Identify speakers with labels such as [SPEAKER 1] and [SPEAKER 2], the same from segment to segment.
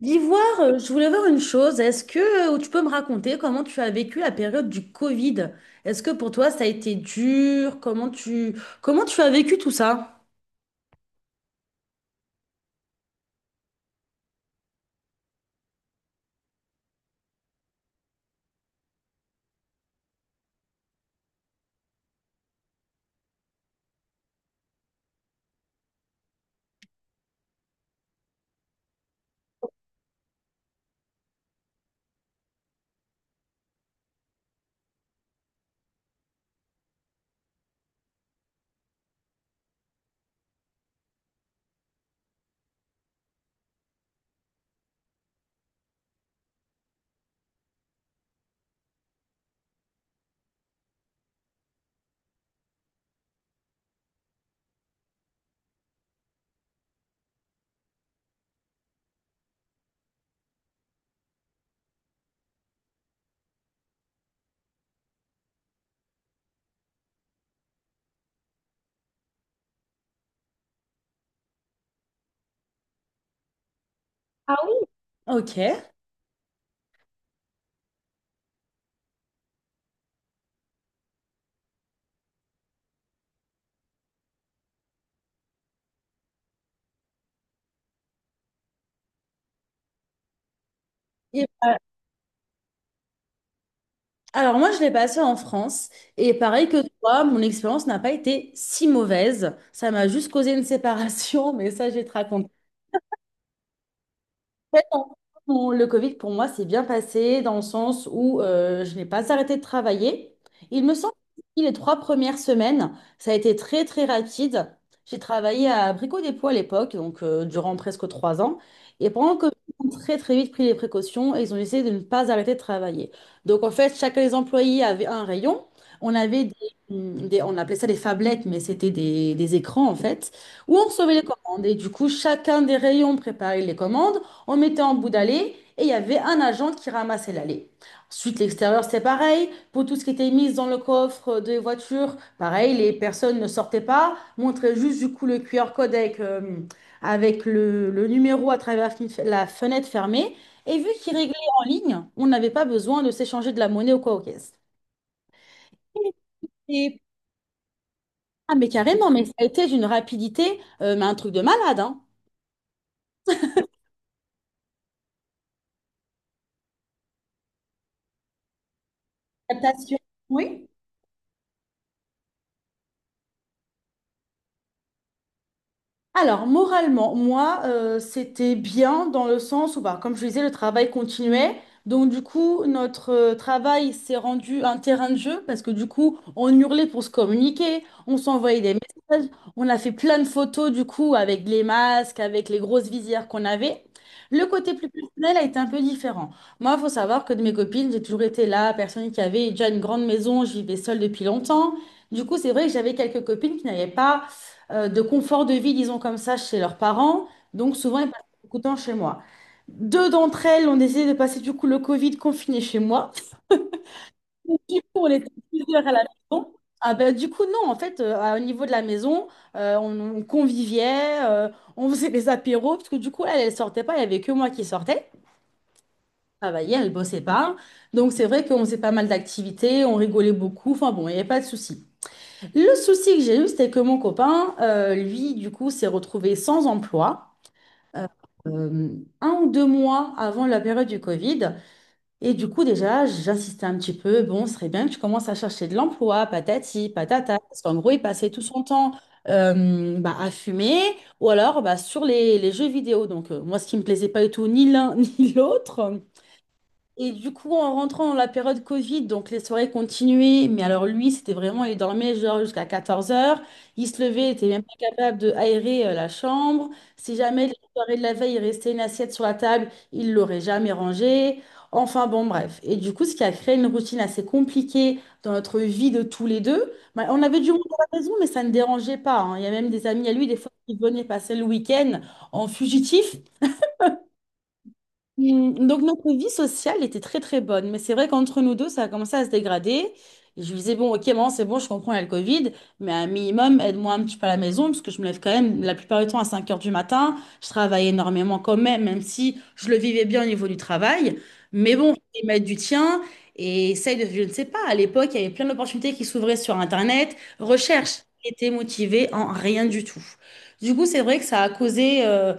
[SPEAKER 1] L'Ivoire, je voulais voir une chose. Est-ce que tu peux me raconter comment tu as vécu la période du Covid? Est-ce que pour toi ça a été dur? Comment tu as vécu tout ça? Ah oui, ok. Et- alors moi, je l'ai passé en France et pareil que toi, mon expérience n'a pas été si mauvaise. Ça m'a juste causé une séparation, mais ça, je vais te raconter. fait, en- le Covid, pour moi, s'est bien passé dans le sens où je n'ai pas arrêté de travailler. Il me semble que les trois premières semaines, ça a été très, très rapide. J'ai travaillé à Brico Dépôt à l'époque, donc durant presque 3 ans. Et pendant le Covid, ils ont très, très vite pris les précautions et ils ont essayé de ne pas arrêter de travailler. Donc, en fait, chacun des employés avait un rayon. On avait des, mm, des- on appelait ça des phablettes, mais c'était des écrans, en fait, où on recevait les commandes. Et du coup, chacun des rayons préparait les commandes. On mettait en bout d'allée et il y avait un agent qui ramassait l'allée. Ensuite, l'extérieur, c'est pareil. Pour tout ce qui était mis dans le coffre des voitures, pareil, les personnes ne sortaient pas, montraient juste du coup le QR code avec le numéro à travers la la fenêtre fermée. Et vu qu'ils réglaient en ligne, on n'avait pas besoin de s'échanger de la monnaie ou quoi aux caisses. Et- ah, mais carrément, mais ça a été d'une rapidité, mais un truc de malade, hein. Adaptation. Oui. Alors, moralement, moi, c'était bien dans le sens où, bah, comme je disais, le travail continuait. Donc, du coup, notre travail s'est rendu un terrain de jeu parce que, du coup, on hurlait pour se communiquer, on s'envoyait des messages, on a fait plein de photos, du coup, avec les masques, avec les grosses visières qu'on avait. Le côté plus personnel a été un peu différent. Moi, il faut savoir que de mes copines, j'ai toujours été la personne qui avait déjà une grande maison, je vivais seule depuis longtemps. Du coup, c'est vrai que j'avais quelques copines qui n'avaient pas de confort de vie, disons comme ça, chez leurs parents. Donc souvent, ils passent beaucoup de temps chez moi. Deux d'entre elles ont décidé de passer du coup le Covid confiné chez moi. Du coup, on était plusieurs à la maison. Ah ben, du coup, non, en fait, au niveau de la maison, on conviviait, on faisait des apéros, parce que du coup, elle sortait pas, il n'y avait que moi qui sortais. Travaillait, elle bossait pas. Donc, c'est vrai qu'on faisait pas mal d'activités, on rigolait beaucoup, enfin bon, il n'y avait pas de souci. Le souci que j'ai eu, c'était que mon copain, lui, du coup, s'est retrouvé sans emploi euh, euh, 1 ou 2 mois avant la période du Covid. Et du coup, déjà, j'insistais un petit peu, bon, ce serait bien que tu commences à chercher de l'emploi, patati, patata. Parce qu'en gros, il passait tout son temps bah, à fumer ou alors bah, sur les jeux vidéo. Donc, moi, ce qui me plaisait pas du tout, ni l'un ni l'autre. Et du coup, en rentrant dans la période Covid, donc les soirées continuaient, mais alors lui, c'était vraiment, il dormait genre jusqu'à 14 heures. Il se levait, il était même pas capable de aérer la chambre. Si jamais les soirées de la veille, il restait une assiette sur la table, il l'aurait jamais rangée. Enfin bon, bref. Et du coup, ce qui a créé une routine assez compliquée dans notre vie de tous les deux. Bah, on avait du monde à la maison, mais ça ne dérangeait pas, hein. Il y a même des amis à lui, des fois, qui venaient passer le week-end en fugitif. Donc notre vie sociale était très très bonne, mais c'est vrai qu'entre nous deux, ça a commencé à se dégrader. Et je lui disais, bon, ok, maman, c'est bon, je comprends, il y a le Covid, mais un minimum, aide-moi un petit peu à la maison, parce que je me lève quand même la plupart du temps à 5 heures du matin. Je travaille énormément quand même, même si je le vivais bien au niveau du travail. Mais bon, il m'aide du tien et essaye de, je ne sais pas, à l'époque, il y avait plein d'opportunités qui s'ouvraient sur Internet. Recherche, était motivée en rien du tout. Du coup, c'est vrai que ça a causé,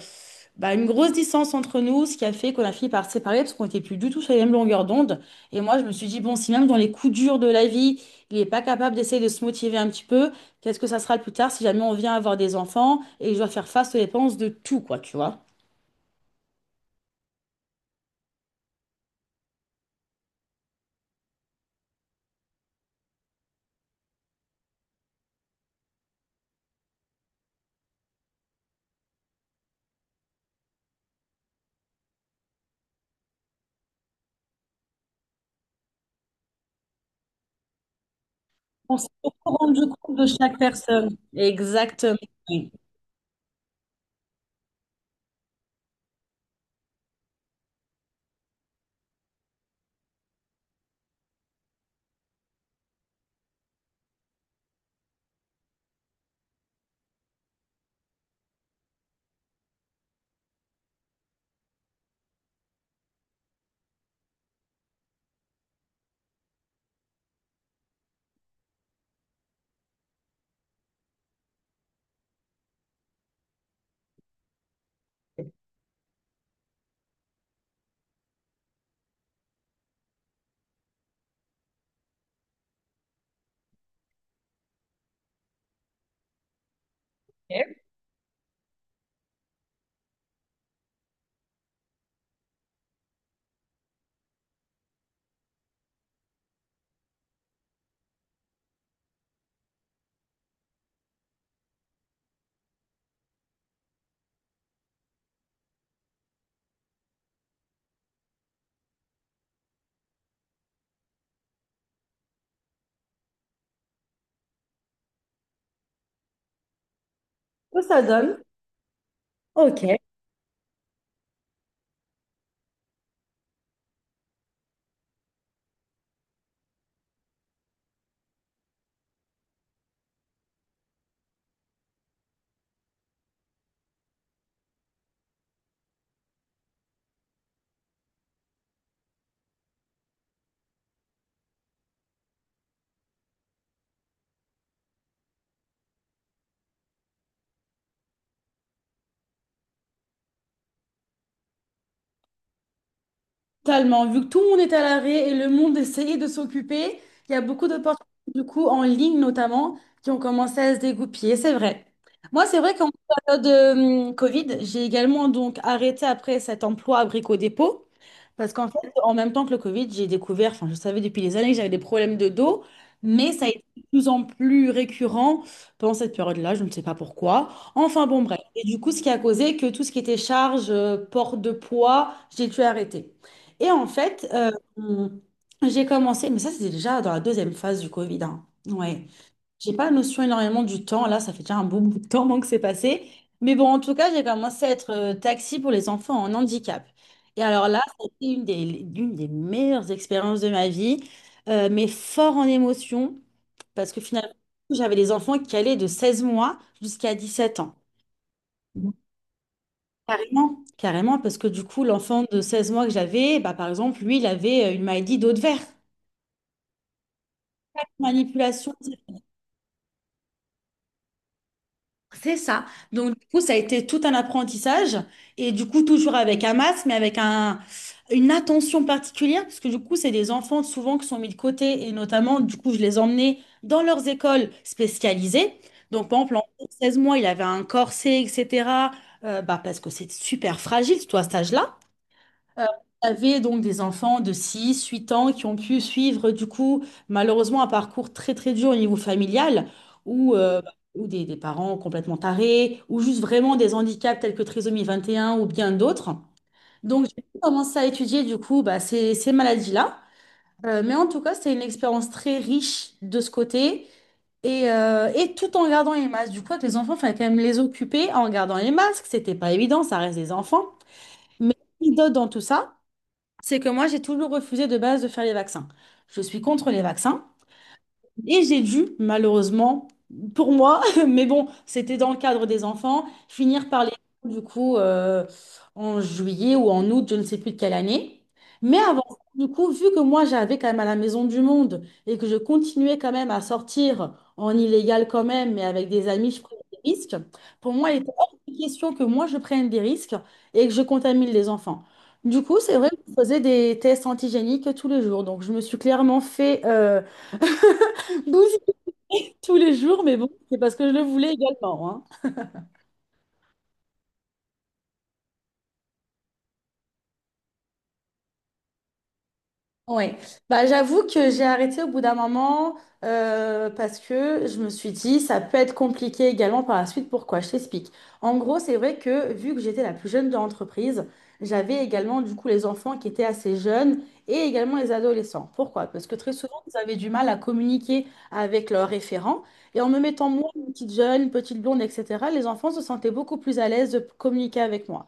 [SPEAKER 1] bah, une grosse distance entre nous, ce qui a fait qu'on a fini par se séparer parce qu'on n'était plus du tout sur les mêmes longueurs d'onde. Et moi, je me suis dit, bon, si même dans les coups durs de la vie, il n'est pas capable d'essayer de se motiver un petit peu, qu'est-ce que ça sera plus tard si jamais on vient avoir des enfants et je dois faire face aux dépenses de tout, quoi, tu vois? On s'est beaucoup rendu compte de chaque personne. Exactement. Oui. Que ça donne? Ok. Totalement. Vu que tout le monde est à l'arrêt et le monde essayait de s'occuper, il y a beaucoup d'opportunités, du coup, en ligne notamment, qui ont commencé à se dégoupiller. C'est vrai. Moi, c'est vrai qu'en période Covid, j'ai également donc arrêté après cet emploi à Brico Dépôt. Parce qu'en fait, en même temps que le Covid, j'ai découvert, enfin, je savais depuis des années que j'avais des problèmes de dos, mais ça a été de plus en plus récurrent pendant cette période-là, je ne sais pas pourquoi. Enfin, bon, bref. Et du coup, ce qui a causé que tout ce qui était charge, port de poids, j'ai dû arrêter. Et en fait, j'ai commencé, mais ça c'était déjà dans la deuxième phase du Covid, hein. Ouais. J'ai pas notion énormément du temps, là ça fait déjà un bon bout de temps moi, que c'est passé. Mais bon, en tout cas, j'ai commencé à être taxi pour les enfants en handicap. Et alors là, c'était l'une des meilleures expériences de ma vie, mais fort en émotion, parce que finalement, j'avais des enfants qui allaient de 16 mois jusqu'à 17 ans. Carrément, carrément, parce que du coup, l'enfant de 16 mois que j'avais, bah, par exemple, lui, il avait une maladie d'eau de verre. Manipulation, c'est ça. Donc, du coup, ça a été tout un apprentissage. Et du coup, toujours avec un masque, mais avec un, une attention particulière, parce que du coup, c'est des enfants souvent qui sont mis de côté. Et notamment, du coup, je les emmenais dans leurs écoles spécialisées. Donc, par exemple, l'enfant de mois, il avait un corset, etc. Bah, parce que c'est super fragile, toi, à cet âge-là. Euh, Vous avez donc des enfants de 6, 8 ans qui ont pu suivre, du coup, malheureusement, un parcours très très dur au niveau familial, ou euh, ou des parents complètement tarés, ou juste vraiment des handicaps tels que trisomie 21 ou bien d'autres. Donc, j'ai commencé à étudier, du coup, bah, ces maladies-là. Mais en tout cas, c'était une expérience très riche de ce côté. Et tout en gardant les masques. Du coup, avec les enfants, il fallait quand même les occuper en gardant les masques. C'était pas évident, ça reste des enfants. Mais anecdote dans tout ça, c'est que moi, j'ai toujours refusé de base de faire les vaccins. Je suis contre les vaccins. Et j'ai dû, malheureusement, pour moi, mais bon, c'était dans le cadre des enfants, finir par les du coup en juillet ou en août, je ne sais plus de quelle année. Mais avant, ça, du coup, vu que moi j'avais quand même à la Maison du Monde et que je continuais quand même à sortir en illégal quand même, mais avec des amis, je prenais des risques. Pour moi, il était hors de question que moi je prenne des risques et que je contamine les enfants. Du coup, c'est vrai que je faisais des tests antigéniques tous les jours. Donc, je me suis clairement fait tous les jours, mais bon, c'est parce que je le voulais également, hein. Ouais, bah j'avoue que j'ai arrêté au bout d'un moment parce que je me suis dit ça peut être compliqué également par la suite. Pourquoi? Je t'explique. En gros, c'est vrai que vu que j'étais la plus jeune de l'entreprise, j'avais également du coup les enfants qui étaient assez jeunes et également les adolescents. Pourquoi? Parce que très souvent, ils avaient du mal à communiquer avec leurs référents et en me mettant moi, une petite jeune, une petite blonde, etc., les enfants se sentaient beaucoup plus à l'aise de communiquer avec moi.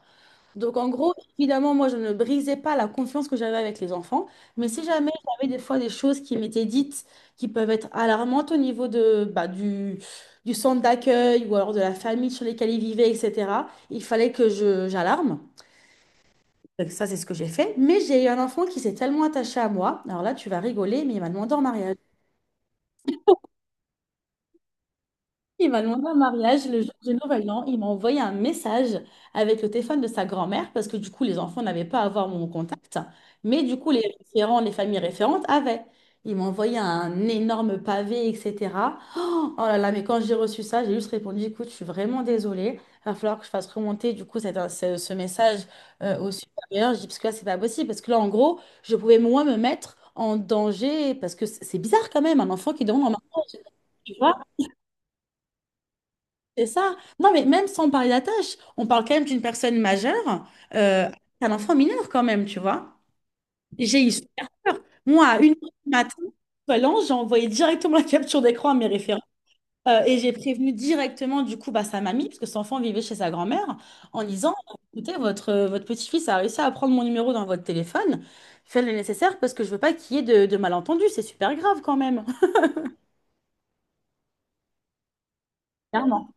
[SPEAKER 1] Donc, en gros, évidemment, moi, je ne brisais pas la confiance que j'avais avec les enfants, mais si jamais j'avais des fois des choses qui m'étaient dites qui peuvent être alarmantes au niveau de, bah, du centre d'accueil ou alors de la famille sur lesquelles ils vivaient, etc., il fallait que j'alarme. Donc, ça, c'est ce que j'ai fait. Mais j'ai eu un enfant qui s'est tellement attaché à moi. Alors là, tu vas rigoler, mais il m'a demandé en mariage. Il m'a demandé un mariage le jour du Nouvel An. Il m'a envoyé un message avec le téléphone de sa grand-mère parce que du coup, les enfants n'avaient pas à avoir mon contact. Mais du coup, les référents, les familles référentes avaient. Il m'a envoyé un énorme pavé, etc. Oh, oh là là, mais quand j'ai reçu ça, j'ai juste répondu, écoute, je suis vraiment désolée. Il va falloir que je fasse remonter du coup ce message au supérieur. Je dis, parce que là, c'est pas possible. Parce que là, en gros, je pouvais moi me mettre en danger parce que c'est bizarre quand même, un enfant qui demande en mariage. C'est ça. Non, mais même sans parler d'attache, on parle quand même d'une personne majeure, euh, un enfant mineur quand même, tu vois. J'ai eu super peur. Moi, à 1 heure du matin, l'ange, j'ai envoyé directement la capture d'écran à mes référents. Et j'ai prévenu directement, du coup, bah, sa mamie, parce que son enfant vivait chez sa grand-mère, en disant, écoutez, votre petit-fils a réussi à prendre mon numéro dans votre téléphone. Faites le nécessaire parce que je veux pas qu'il y ait de malentendus. C'est super grave quand même. Clairement.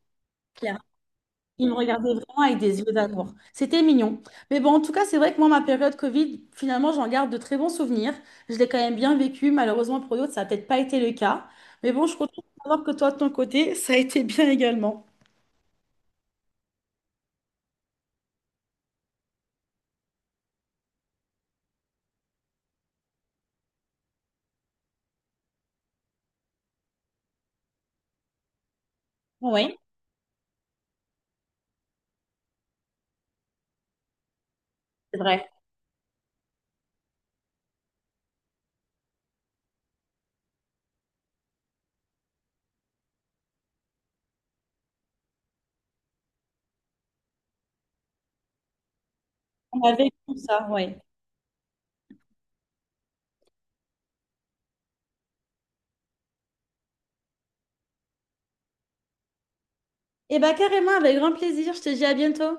[SPEAKER 1] Il me regardait vraiment avec des yeux d'amour. C'était mignon. Mais bon, en tout cas, c'est vrai que moi, ma période Covid, finalement, j'en garde de très bons souvenirs. Je l'ai quand même bien vécu. Malheureusement, pour d'autres, ça n'a peut-être pas été le cas. Mais bon, je suis contente de savoir que toi, de ton côté, ça a été bien également. Oui, c'est vrai. On a vécu ça, oui. Eh bien, carrément, avec grand plaisir. Je te dis à bientôt.